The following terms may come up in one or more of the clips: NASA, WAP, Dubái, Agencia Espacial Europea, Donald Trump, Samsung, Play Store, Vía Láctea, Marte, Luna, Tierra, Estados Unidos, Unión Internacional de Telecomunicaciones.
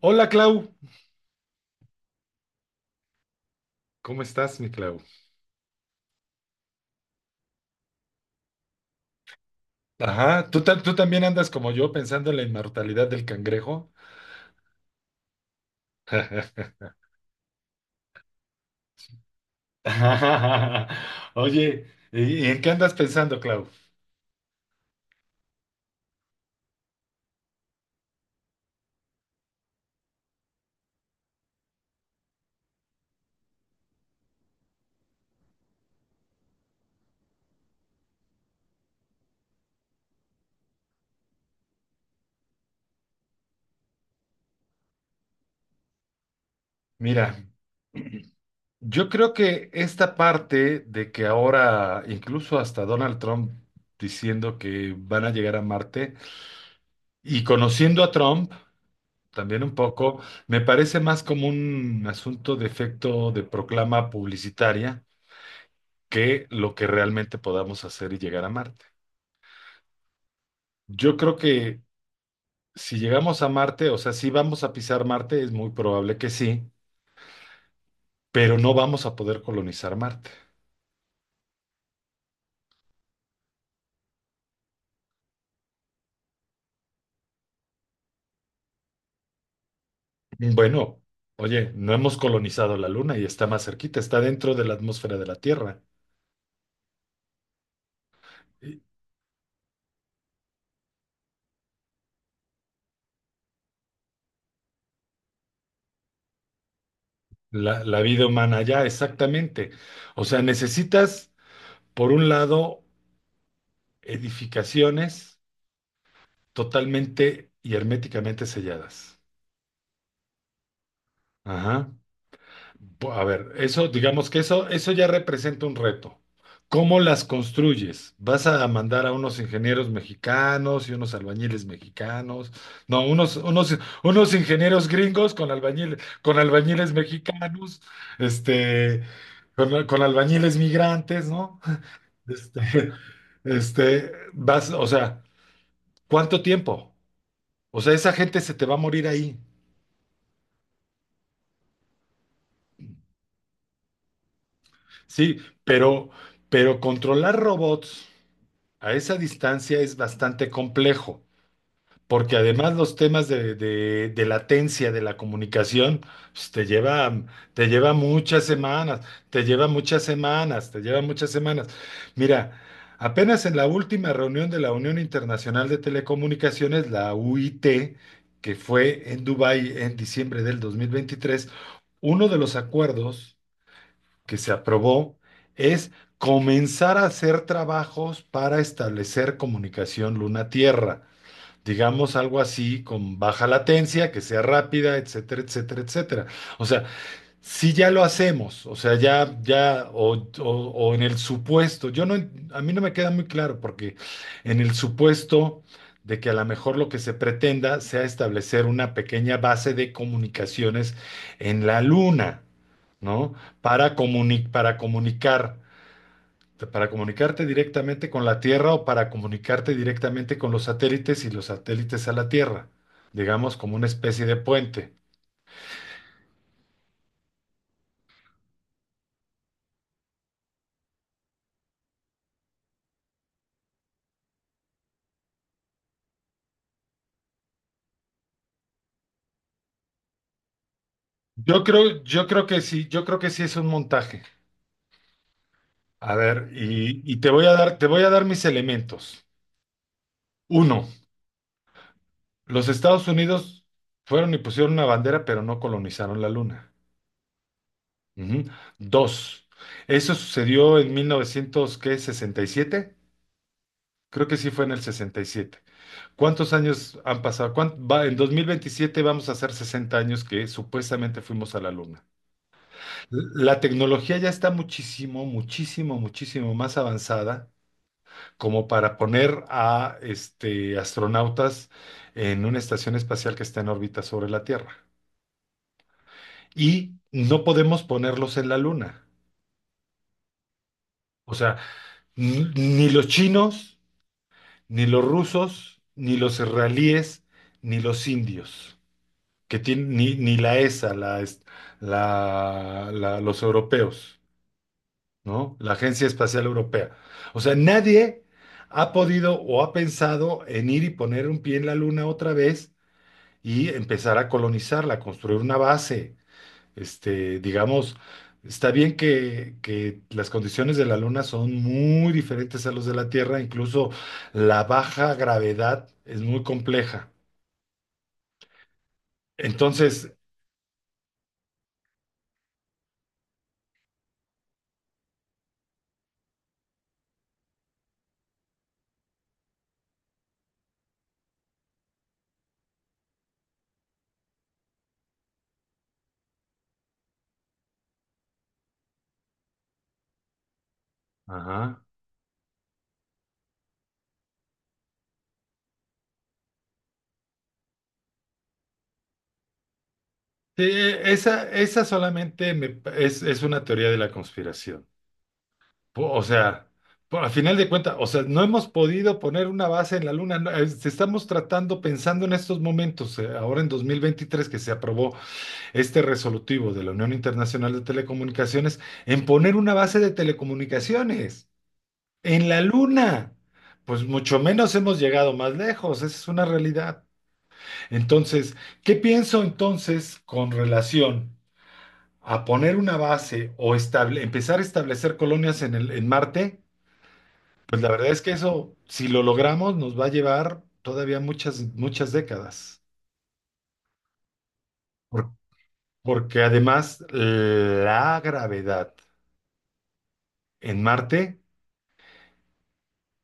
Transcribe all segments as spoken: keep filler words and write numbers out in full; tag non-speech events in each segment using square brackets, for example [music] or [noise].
Hola Clau, ¿cómo estás, mi Clau? Ajá, ¿tú, ta- tú también andas como yo pensando en la inmortalidad del cangrejo? [laughs] Oye, ¿y y en qué andas pensando, Clau? Mira, yo creo que esta parte de que ahora incluso hasta Donald Trump diciendo que van a llegar a Marte y conociendo a Trump también un poco, me parece más como un asunto de efecto de proclama publicitaria que lo que realmente podamos hacer y llegar a Marte. Yo creo que si llegamos a Marte, o sea, si vamos a pisar Marte, es muy probable que sí, pero no vamos a poder colonizar Marte. Bueno, oye, no hemos colonizado la Luna y está más cerquita, está dentro de la atmósfera de la Tierra. Y La, la vida humana ya, exactamente. O sea, necesitas, por un lado, edificaciones totalmente y herméticamente selladas. Ajá. Bu- A ver, eso, digamos que eso, eso ya representa un reto. ¿Cómo las construyes? ¿Vas a mandar a unos ingenieros mexicanos y unos albañiles mexicanos? No, unos, unos, unos ingenieros gringos con albañiles, con albañiles mexicanos, este, con, con albañiles migrantes, ¿no? [laughs] Este, este, vas, o sea, ¿cuánto tiempo? O sea, esa gente se te va a morir ahí. Sí, pero, pero controlar robots. A esa distancia es bastante complejo, porque además los temas de, de- de latencia de la comunicación pues, te lleva, te lleva muchas semanas, te lleva muchas semanas, te lleva muchas semanas. Mira, apenas en la última reunión de la Unión Internacional de Telecomunicaciones, la U I T, que fue en Dubái en diciembre del dos mil veintitrés, uno de los acuerdos que se aprobó es comenzar a hacer trabajos para establecer comunicación luna-tierra. Digamos algo así, con baja latencia, que sea rápida, etcétera, etcétera, etcétera. O sea, si ya lo hacemos, o sea, ya, ya, o, o- o en el supuesto, yo no, en- a mí no me queda muy claro, porque en el supuesto de que a lo mejor lo que se pretenda sea establecer una pequeña base de comunicaciones en la Luna, ¿no? Para comuni- para comunicar, para comunicarte directamente con la Tierra o para comunicarte directamente con los satélites y los satélites a la Tierra, digamos como una especie de puente. Yo creo, yo creo que sí, yo creo que sí es un montaje. A ver, y, y te voy a dar, te voy a dar mis elementos. Uno, los Estados Unidos fueron y pusieron una bandera, pero no colonizaron la Luna. Ujú. Dos, eso sucedió en mil novecientos qué, sesenta y siete. Creo que sí fue en el sesenta y siete. ¿Cuántos años han pasado? ¿Cuán- va- en dos mil veintisiete vamos a hacer sesenta años que supuestamente fuimos a la Luna. La tecnología ya está muchísimo, muchísimo, muchísimo más avanzada, como para poner a este, astronautas en una estación espacial que está en órbita sobre la Tierra. Y no podemos ponerlos en la Luna. O sea, n- ni los chinos, ni los rusos, ni los israelíes, ni los indios, que tienen, ni, ni la ESA, la, es- la- la- los europeos, ¿no? La Agencia Espacial Europea. O sea, nadie ha podido o ha pensado en ir y poner un pie en la Luna otra vez y empezar a colonizarla, construir una base. Este, digamos, está bien que, que las condiciones de la Luna son muy diferentes a los de la Tierra, incluso la baja gravedad es muy compleja. Entonces, ajá. Sí, e- esa, esa solamente me pa- es, es una teoría de la conspiración. Po- O sea, po- a final de cuentas, o sea, no hemos podido poner una base en la Luna. No, es- estamos tratando, pensando en estos momentos, eh, ahora en dos mil veintitrés que se aprobó este resolutivo de la Unión Internacional de Telecomunicaciones en poner una base de telecomunicaciones en la Luna. Pues mucho menos hemos llegado más lejos, esa es una realidad. Entonces, ¿qué pienso entonces con relación a poner una base o estable- empezar a establecer colonias en el, en Marte? Pues la verdad es que eso, si lo logramos, nos va a llevar todavía muchas, muchas décadas. Por- porque además la gravedad en Marte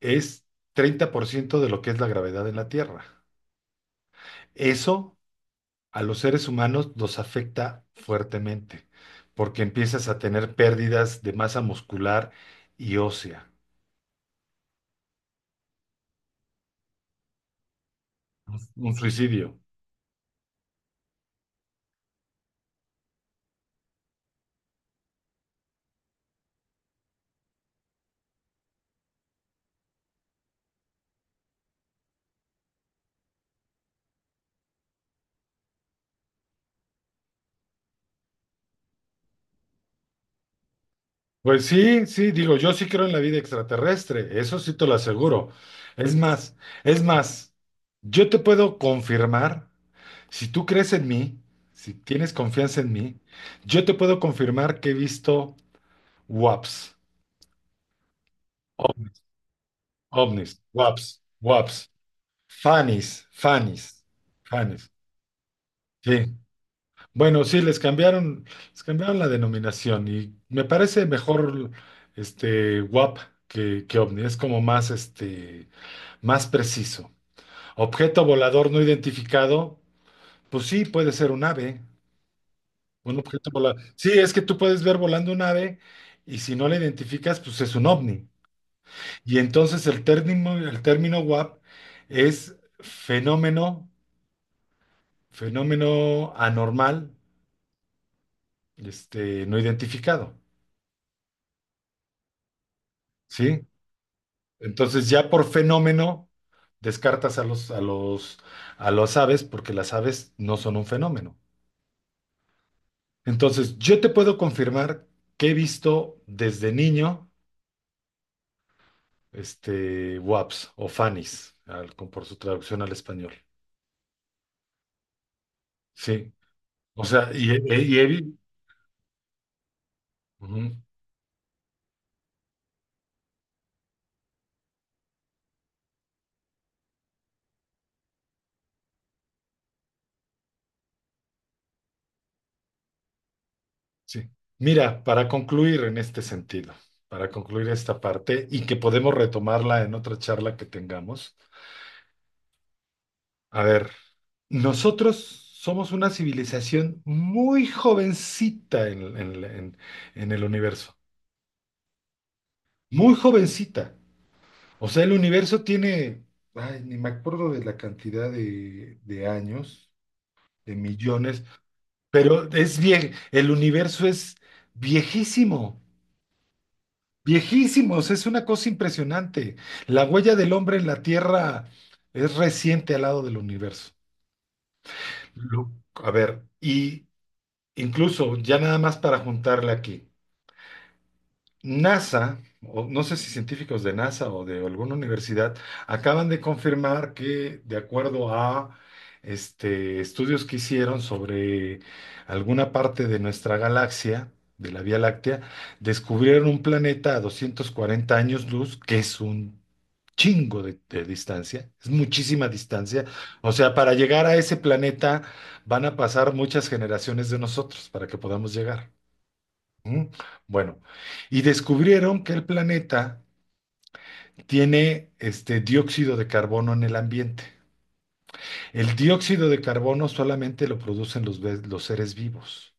es treinta por ciento de lo que es la gravedad en la Tierra. Eso a los seres humanos nos afecta fuertemente, porque empiezas a tener pérdidas de masa muscular y ósea, un suicidio. Pues sí, sí, digo, yo sí creo en la vida extraterrestre, eso sí te lo aseguro. Es más, es más, yo te puedo confirmar, si tú crees en mí, si tienes confianza en mí, yo te puedo confirmar que he visto W A Ps, ovnis, waps, waps, fanis, fanis, fanis. Sí. Bueno, sí, les cambiaron, les cambiaron la denominación y me parece mejor este W A P que, que ovni. Es como más este, más preciso. Objeto volador no identificado, pues sí, puede ser un ave, un objeto volador. Sí, es que tú puedes ver volando un ave y si no la identificas, pues es un ovni. Y entonces el término, el término W A P es fenómeno, fenómeno anormal, este, no identificado, ¿sí? Entonces ya por fenómeno descartas a los, a los, a las aves porque las aves no son un fenómeno. Entonces yo te puedo confirmar que he visto desde niño, este, waps o fanis, al- con- por su traducción al español, ¿sí? O sea, y, y- y he visto... Sí. Mira, para concluir en este sentido, para concluir esta parte y que podemos retomarla en otra charla que tengamos. A ver, nosotros somos una civilización muy jovencita en, en- en- en el universo, muy jovencita. O sea, el universo tiene, ay, ni me acuerdo de la cantidad de, de años, de millones, pero es bien, el universo es viejísimo. Viejísimos, es una cosa impresionante. La huella del hombre en la Tierra es reciente al lado del universo. Lo- a ver, y incluso ya nada más para juntarle aquí. NASA, o no sé si científicos de NASA o de alguna universidad, acaban de confirmar que, de acuerdo a este, estudios que hicieron sobre alguna parte de nuestra galaxia, de la Vía Láctea, descubrieron un planeta a doscientos cuarenta años luz, que es un chingo de, de distancia, es muchísima distancia. O sea, para llegar a ese planeta van a pasar muchas generaciones de nosotros para que podamos llegar. Mm, bueno, y descubrieron que el planeta tiene este dióxido de carbono en el ambiente. El dióxido de carbono solamente lo producen los, ve- los seres vivos.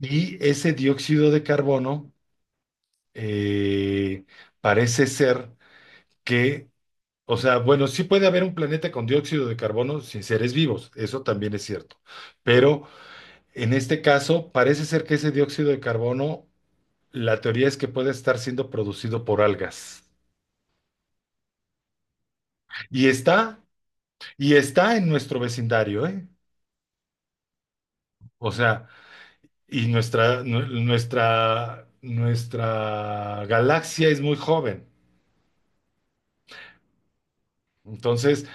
Y ese dióxido de carbono, eh, parece ser que, o sea, bueno, sí puede haber un planeta con dióxido de carbono sin seres vivos, eso también es cierto. Pero en este caso, parece ser que ese dióxido de carbono, la teoría es que puede estar siendo producido por algas. Y está, y está en nuestro vecindario, ¿eh? O sea, y nuestra, nu- nuestra, nuestra galaxia es muy joven. Entonces,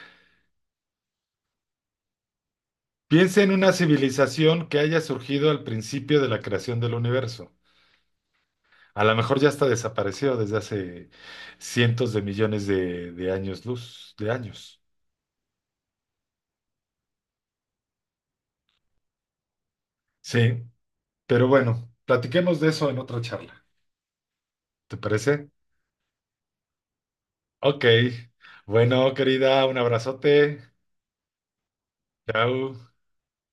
piensa en una civilización que haya surgido al principio de la creación del universo. A lo mejor ya está desaparecido desde hace cientos de millones de, de años luz, de años. Sí, pero bueno, platiquemos de eso en otra charla. ¿Te parece? Ok. Bueno, querida, un abrazote. Chao.